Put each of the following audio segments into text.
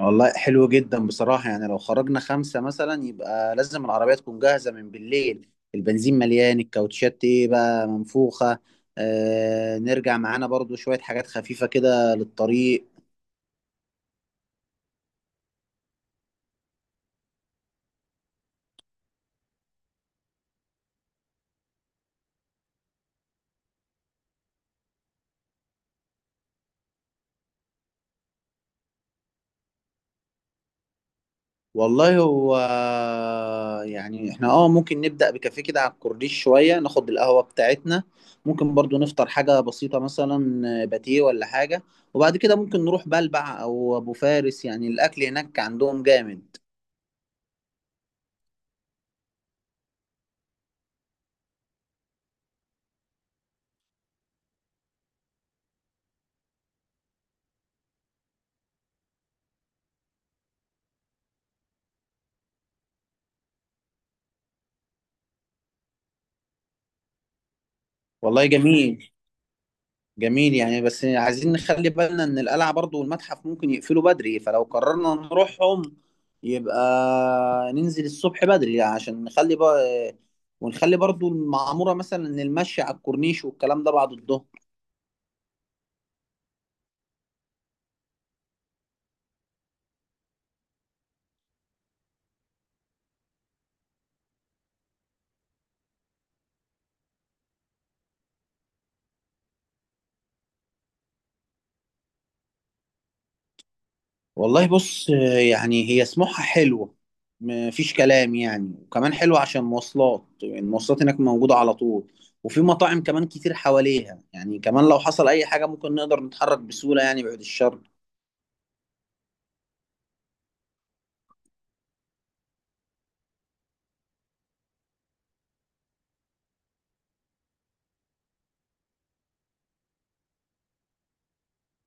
والله حلو جدا بصراحة، يعني لو خرجنا خمسة مثلا يبقى لازم العربية تكون جاهزة من بالليل. البنزين مليان، الكاوتشات ايه بقى منفوخة. آه، نرجع معانا برضو شوية حاجات خفيفة كده للطريق. والله هو، يعني احنا ممكن نبدأ بكافيه كده على الكورنيش، شوية ناخد القهوة بتاعتنا. ممكن برضو نفطر حاجة بسيطة مثلا، باتيه ولا حاجة. وبعد كده ممكن نروح بلبع أو أبو فارس، يعني الأكل هناك عندهم جامد. والله جميل. جميل يعني، بس عايزين نخلي بالنا ان القلعة برضو والمتحف ممكن يقفلوا بدري، فلو قررنا نروحهم يبقى ننزل الصبح بدري عشان نخلي بقى. ونخلي برضو المعمورة مثلا، ان المشي على الكورنيش والكلام ده بعد الظهر. والله بص، يعني هي سموحة حلوة، مفيش كلام، يعني وكمان حلوة عشان مواصلات، يعني المواصلات هناك موجودة على طول. وفي مطاعم كمان كتير حواليها، يعني كمان لو حصل اي حاجة ممكن نقدر نتحرك بسهولة، يعني بعد الشر.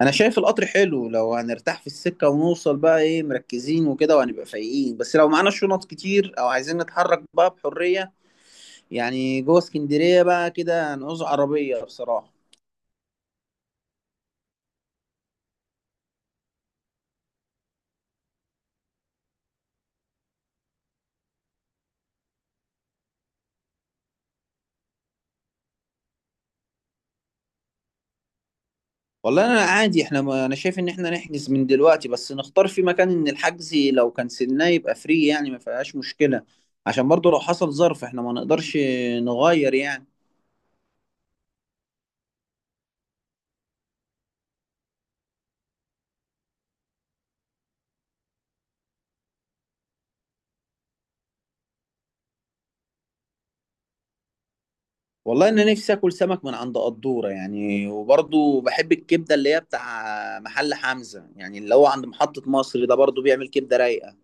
انا شايف القطر حلو لو هنرتاح في السكة ونوصل بقى ايه مركزين وكده، وهنبقى فايقين، بس لو معانا شنط كتير او عايزين نتحرك بقى بحرية، يعني جوه اسكندرية بقى كده هنعوز عربية بصراحة. والله انا عادي، احنا ما، انا شايف ان احنا نحجز من دلوقتي، بس نختار في مكان ان الحجز لو كنسلناه يبقى فري، يعني ما فيهاش مشكلة، عشان برضو لو حصل ظرف احنا ما نقدرش نغير يعني. والله انا نفسي اكل سمك من عند قدوره، يعني وبرضو بحب الكبده اللي هي بتاع محل حمزه، يعني اللي هو عند محطه مصر ده برضو بيعمل كبده رايقه.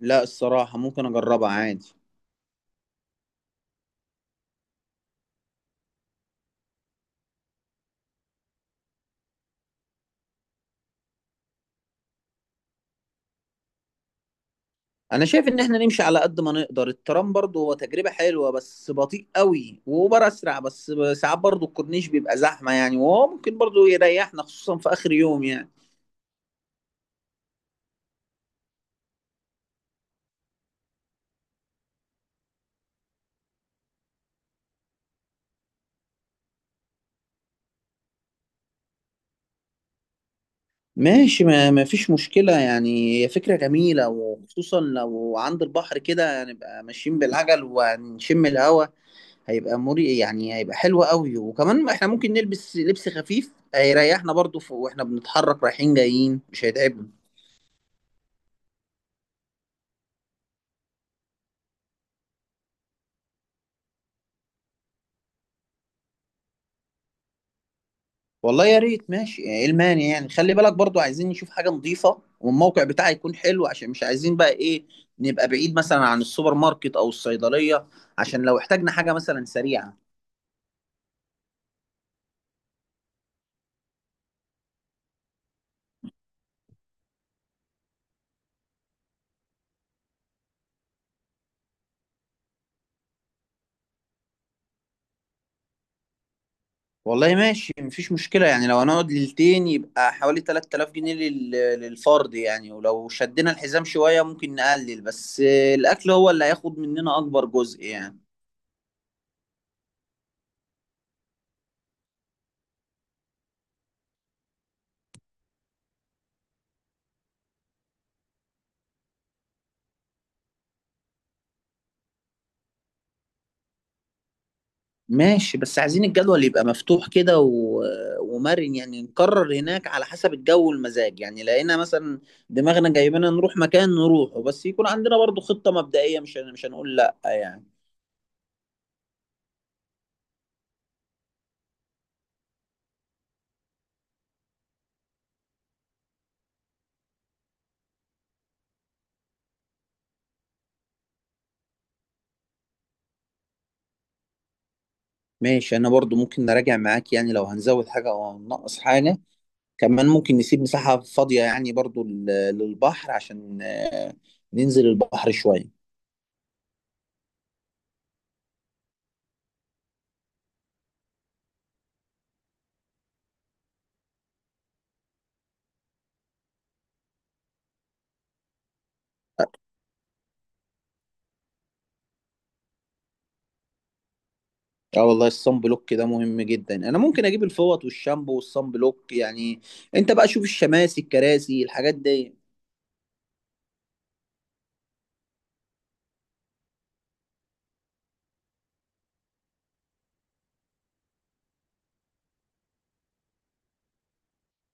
لا، الصراحه ممكن اجربها عادي. انا شايف ان احنا نمشي على قد ما نقدر، الترام برضو هو تجربه حلوه بس بطيء قوي، واوبر اسرع، بس ساعات برضو الكورنيش بيبقى زحمه، يعني وهو ممكن برضو يريحنا خصوصا في اخر يوم يعني. ماشي، ما فيش مشكلة، يعني هي فكرة جميلة وخصوصا لو عند البحر كده، هنبقى ماشيين بالعجل وهنشم الهوا، هيبقى مري، يعني هيبقى حلو قوي. وكمان احنا ممكن نلبس لبس خفيف هيريحنا برضو، واحنا بنتحرك رايحين جايين مش هيتعبنا. والله يا ريت، ماشي ايه المانع، يعني خلي بالك برضو عايزين نشوف حاجة نظيفة والموقع بتاعي يكون حلو، عشان مش عايزين بقى ايه، نبقى بعيد مثلا عن السوبر ماركت او الصيدلية، عشان لو احتاجنا حاجة مثلا سريعة. والله ماشي، مفيش مشكلة، يعني لو هنقعد ليلتين يبقى حوالي 3000 جنيه للفرد، يعني ولو شدينا الحزام شوية ممكن نقلل، بس الأكل هو اللي هياخد مننا أكبر جزء يعني. ماشي، بس عايزين الجدول يبقى مفتوح كده ومرن، يعني نقرر هناك على حسب الجو والمزاج، يعني لقينا مثلا دماغنا جايبنا نروح مكان نروحه، بس يكون عندنا برضو خطة مبدئية، مش هنقول لأ يعني. ماشي، أنا برضو ممكن نراجع معاك، يعني لو هنزود حاجة أو هننقص حاجة. كمان ممكن نسيب مساحة فاضية يعني، برضو للبحر، عشان ننزل البحر شوية. اه والله الصن بلوك ده مهم جدا، انا ممكن اجيب الفوط والشامبو والصن بلوك يعني. انت بقى شوف الشماسي، الكراسي، الحاجات دي.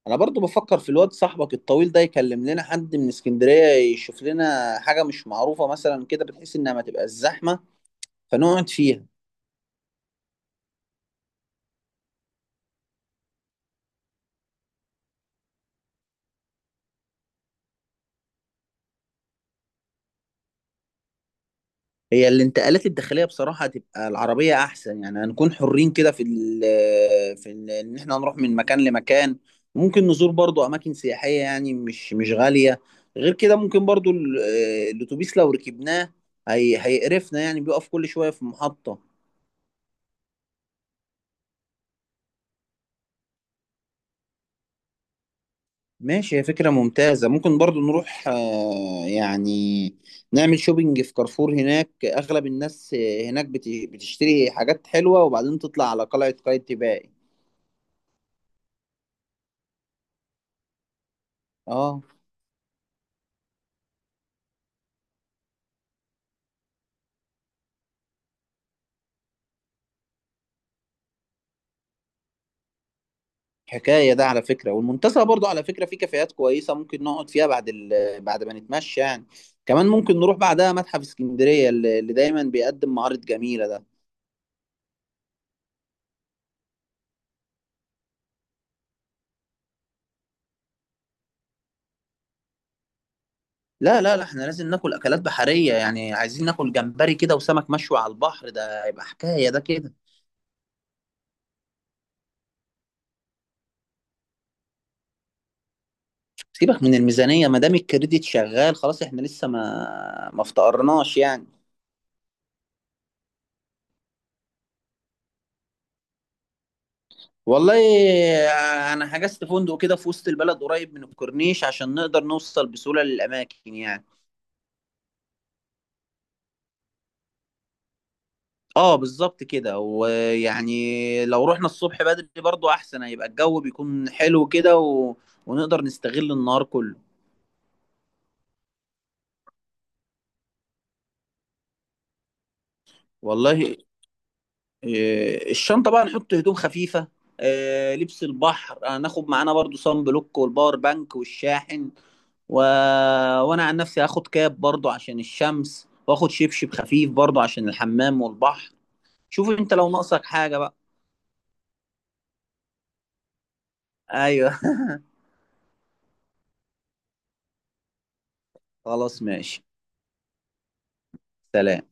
انا برضو بفكر في الواد صاحبك الطويل ده يكلم لنا حد من اسكندرية، يشوف لنا حاجة مش معروفة مثلا كده بتحس انها ما تبقى الزحمة فنقعد فيها. هي الانتقالات الداخليه بصراحه هتبقى العربيه احسن، يعني هنكون حرين كده في ال في ال ان احنا نروح من مكان لمكان. ممكن نزور برضو اماكن سياحيه، يعني مش غاليه. غير كده ممكن برضو الاتوبيس لو ركبناه هيقرفنا، يعني بيقف كل شويه في محطه. ماشي، هي فكره ممتازه، ممكن برضو نروح، يعني نعمل شوبينج في كارفور، هناك اغلب الناس، هناك بتشتري حاجات حلوه، وبعدين تطلع على قلعه قايتباي. اه حكاية ده على فكرة، والمنتزه برضو على فكرة في كافيهات كويسة ممكن نقعد فيها بعد بعد ما نتمشى يعني. كمان ممكن نروح بعدها متحف اسكندرية اللي دايما بيقدم معارض جميلة ده. لا لا لا، احنا لازم ناكل أكلات بحرية، يعني عايزين ناكل جمبري كده وسمك مشوي على البحر، ده هيبقى حكاية ده كده. سيبك من الميزانية، ما دام الكريديت شغال خلاص، احنا لسه ما افتقرناش يعني. والله أنا حجزت فندق كده في وسط البلد قريب من الكورنيش عشان نقدر نوصل بسهولة للأماكن يعني. اه بالظبط كده، ويعني لو رحنا الصبح بدري برضو احسن، هيبقى الجو بيكون حلو كده ونقدر نستغل النهار كله. والله إيه، الشنطة بقى نحط هدوم خفيفة. إيه، لبس البحر هناخد معانا برضو صن بلوك والباور بانك والشاحن و... وانا عن نفسي هاخد كاب برضو عشان الشمس، واخد شبشب خفيف برضو عشان الحمام والبحر. شوف انت لو ناقصك حاجة بقى. ايوه خلاص ماشي، سلام.